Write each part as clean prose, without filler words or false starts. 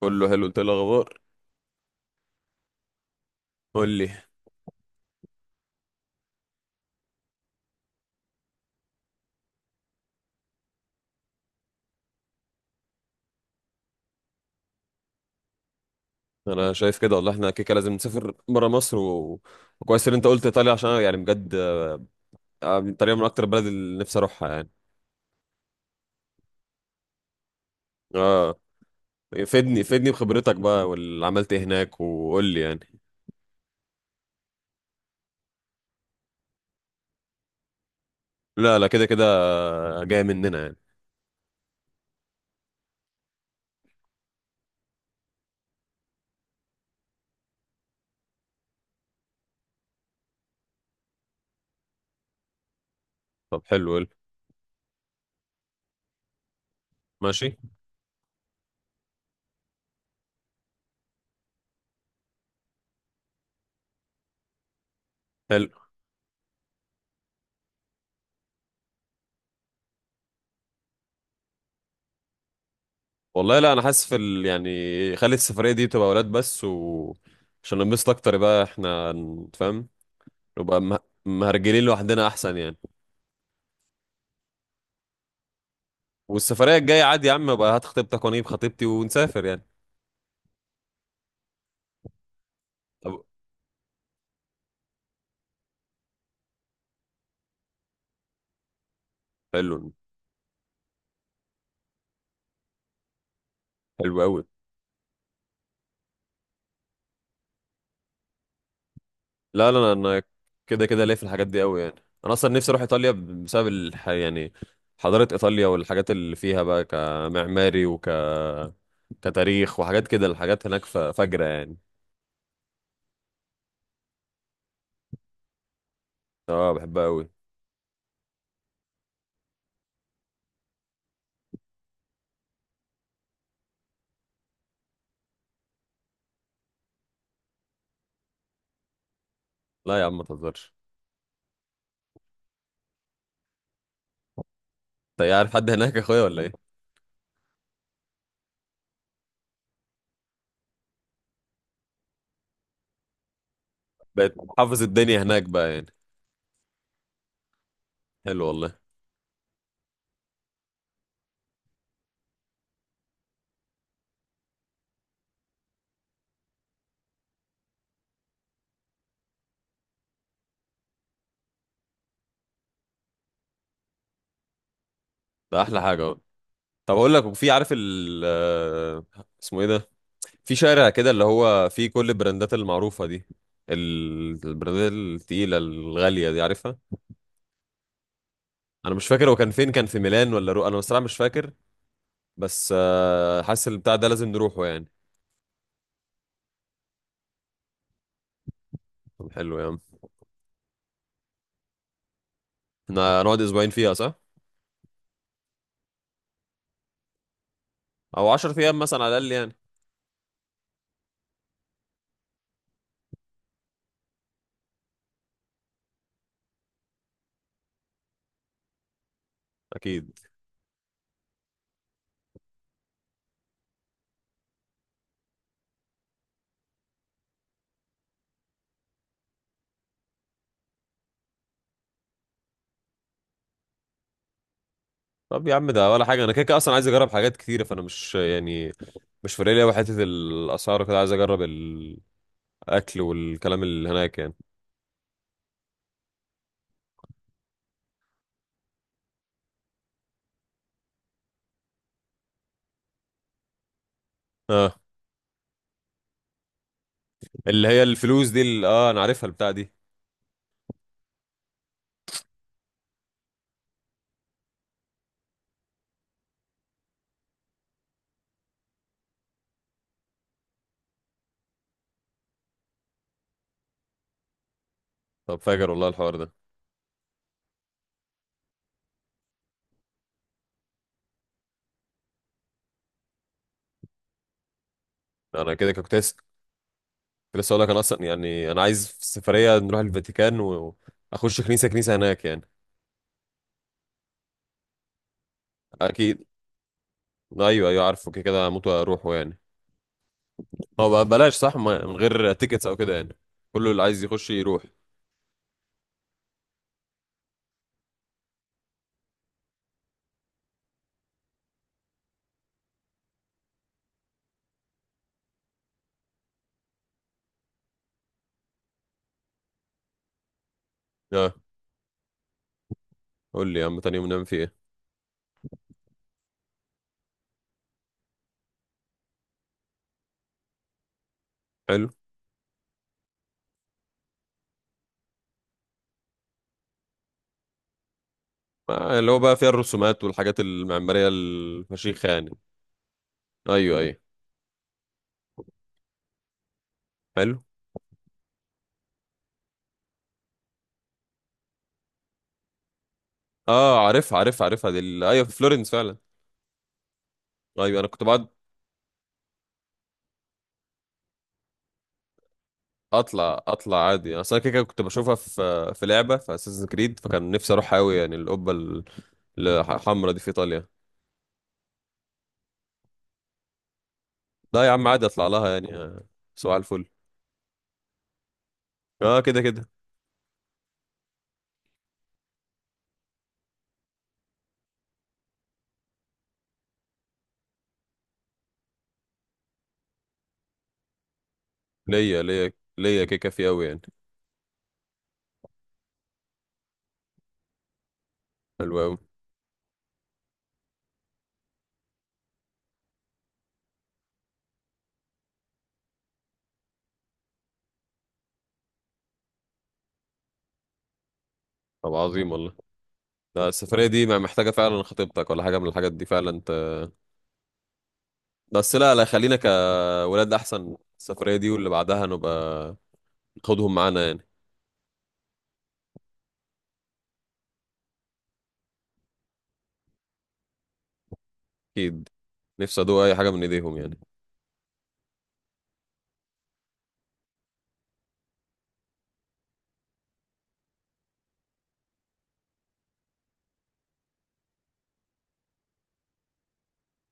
كله حلو. انت ايه الاخبار؟ قول لي. انا شايف كده، والله احنا كده كده لازم نسافر بره مصر و. وكويس ان انت قلت ايطاليا عشان أنا يعني بجد. ايطاليا من اكتر البلد اللي نفسي اروحها يعني. اه، فدني بخبرتك بقى، واللي عملت ايه هناك، وقول لي يعني. لا لا، كده كده جاي مننا يعني. طب حلو، قول. ماشي. حلو والله. لا انا حاسس يعني، خلي السفريه دي تبقى ولاد بس و عشان ننبسط اكتر، يبقى احنا فاهم. نبقى مهرجلين لوحدنا احسن يعني. والسفرية الجاية عادي يا عم بقى، هات خطيبتك وانا اجيب خطيبتي ونسافر يعني. طب حلو. حلو قوي. لا لا لا، انا كده كده ليا في الحاجات دي قوي يعني. انا اصلا نفسي اروح ايطاليا بسبب يعني، حضارة ايطاليا والحاجات اللي فيها بقى كمعماري كتاريخ وحاجات كده، الحاجات هناك فجرة يعني. اه، بحبها قوي. لا يا عم ما تهزرش. انت إيه، عارف حد هناك يا اخويا ولا ايه؟ بقيت حافظ الدنيا هناك بقى يعني. حلو والله. ده احلى حاجة اهو. طب اقول لك، في عارف ال آه، اسمه ايه ده، في شارع كده اللي هو فيه كل البراندات المعروفة دي، البراندات التقيلة الغالية دي، عارفها؟ انا مش فاكر هو كان فين، كان في ميلان ولا انا بصراحة مش فاكر. بس حاسس البتاع ده لازم نروحه يعني. طب حلو يا عم، احنا هنقعد اسبوعين فيها صح؟ او 10 ايام مثلا على الاقل يعني. اكيد. طب يا عم ده ولا حاجة، انا كده كده اصلا عايز اجرب حاجات كتيرة، فانا مش يعني مش فارق لي أوي حتة الاسعار، كده عايز اجرب الاكل والكلام اللي هناك يعني. اه، اللي هي الفلوس دي اللي... اه انا عارفها البتاع دي. طب فاجر والله الحوار ده. انا كده كنت لسه اقول لك، انا اصلا يعني انا عايز في السفريه نروح الفاتيكان واخش كنيسه كنيسه هناك يعني. اكيد. ايوه ايوه، عارفه كده كده هموت واروحه يعني. هو بقى بلاش صح، من غير تيكتس او كده يعني، كله اللي عايز يخش يروح. اه. قول لي يا عم، تاني يوم نعمل فيه ايه؟ حلو. اللي هو بقى فيها الرسومات والحاجات المعماريه الفشيخه يعني. ايوه ايوه. حلو. اه عارف عارف عارفها عارفها دي ايوه، في فلورنس فعلا. ايوه انا كنت بقعد. اطلع اطلع عادي، اصل انا كده كده كنت بشوفها في لعبه في اساسن كريد، فكان نفسي اروح قوي يعني القبه الحمراء دي في ايطاليا. لا يا عم عادي اطلع لها يعني. سؤال الفل. اه كده كده. ليا ليا ليا كيكه فيه قوي يعني. حلو قوي. طب عظيم والله. لا السفريه دي ما محتاجه فعلا خطيبتك ولا حاجه من الحاجات دي فعلا انت. بس لا لا، خلينا كولاد احسن، السفريه دي واللي بعدها نبقى ناخدهم معانا يعني. اكيد. نفسي ادوق اي حاجه من ايديهم يعني.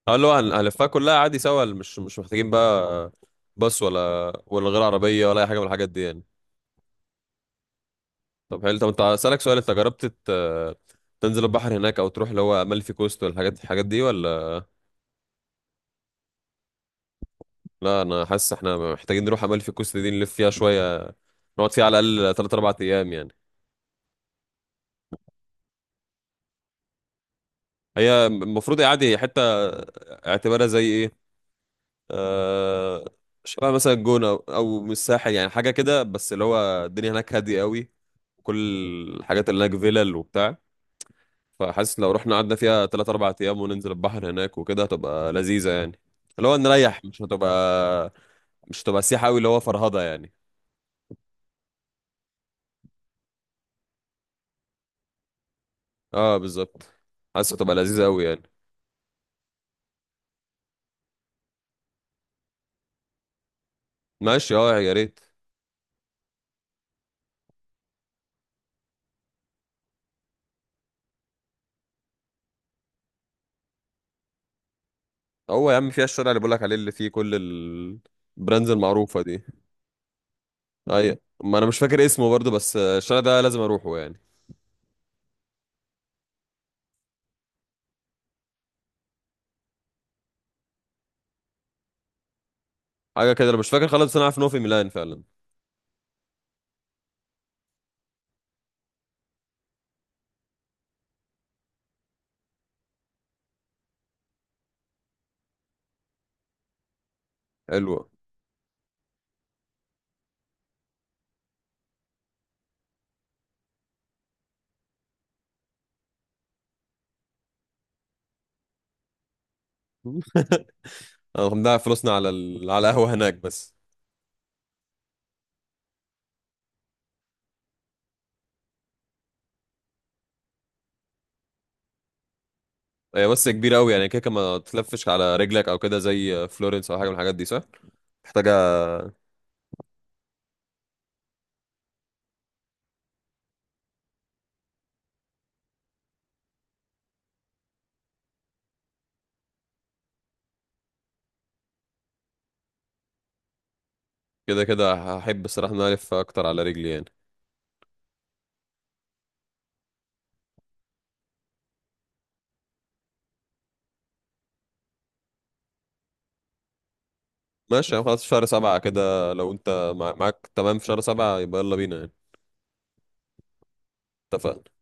اه، اللي هو هنلفها كلها عادي سوا، مش محتاجين بقى، بس ولا غير عربية ولا أي حاجة من الحاجات دي يعني. طب حلو. طب أنت، أسألك سؤال، أنت جربت تنزل البحر هناك أو تروح اللي هو أمالفي كوست والحاجات دي ولا؟ لا أنا حاسس إحنا محتاجين نروح أمالفي كوست دي، نلف فيها شوية، نقعد فيها على الأقل 3 4 أيام يعني. هي المفروض هي عادي حتة، اعتبارها زي إيه، آه، شبه مثلا الجونة أو من الساحل يعني، حاجة كده، بس اللي هو الدنيا هناك هادية قوي، كل الحاجات اللي هناك فيلل وبتاع. فحاسس لو رحنا قعدنا فيها 3 4 أيام وننزل البحر هناك وكده هتبقى لذيذة يعني، اللي هو نريح، مش هتبقى سياحة أوي اللي هو فرهضة يعني. اه بالظبط. حاسس هتبقى لذيذة أوي يعني. ماشي اه يا ريت. هو يا عم فيها الشارع اللي بقولك عليه اللي فيه كل البراندز المعروفة دي. أيوة، ما أنا مش فاكر اسمه برضه، بس الشارع ده لازم أروحه يعني. حاجة كده، أنا مش فاكر خالص، بس أنا عارف إن هو في ميلان فعلا. حلو. هنضيع فلوسنا على قهوة هناك بس. هي بس كبيرة أوي يعني كده كده ما تلفش على رجلك، أو كده زي فلورنس أو حاجة من الحاجات دي صح؟ محتاجة. كده كده هحب الصراحة إن أنا ألف أكتر على رجلي يعني. ماشي يعني، خلاص شهر 7، كده لو أنت معاك تمام في شهر 7، يبقى يلا بينا يعني. اتفقنا.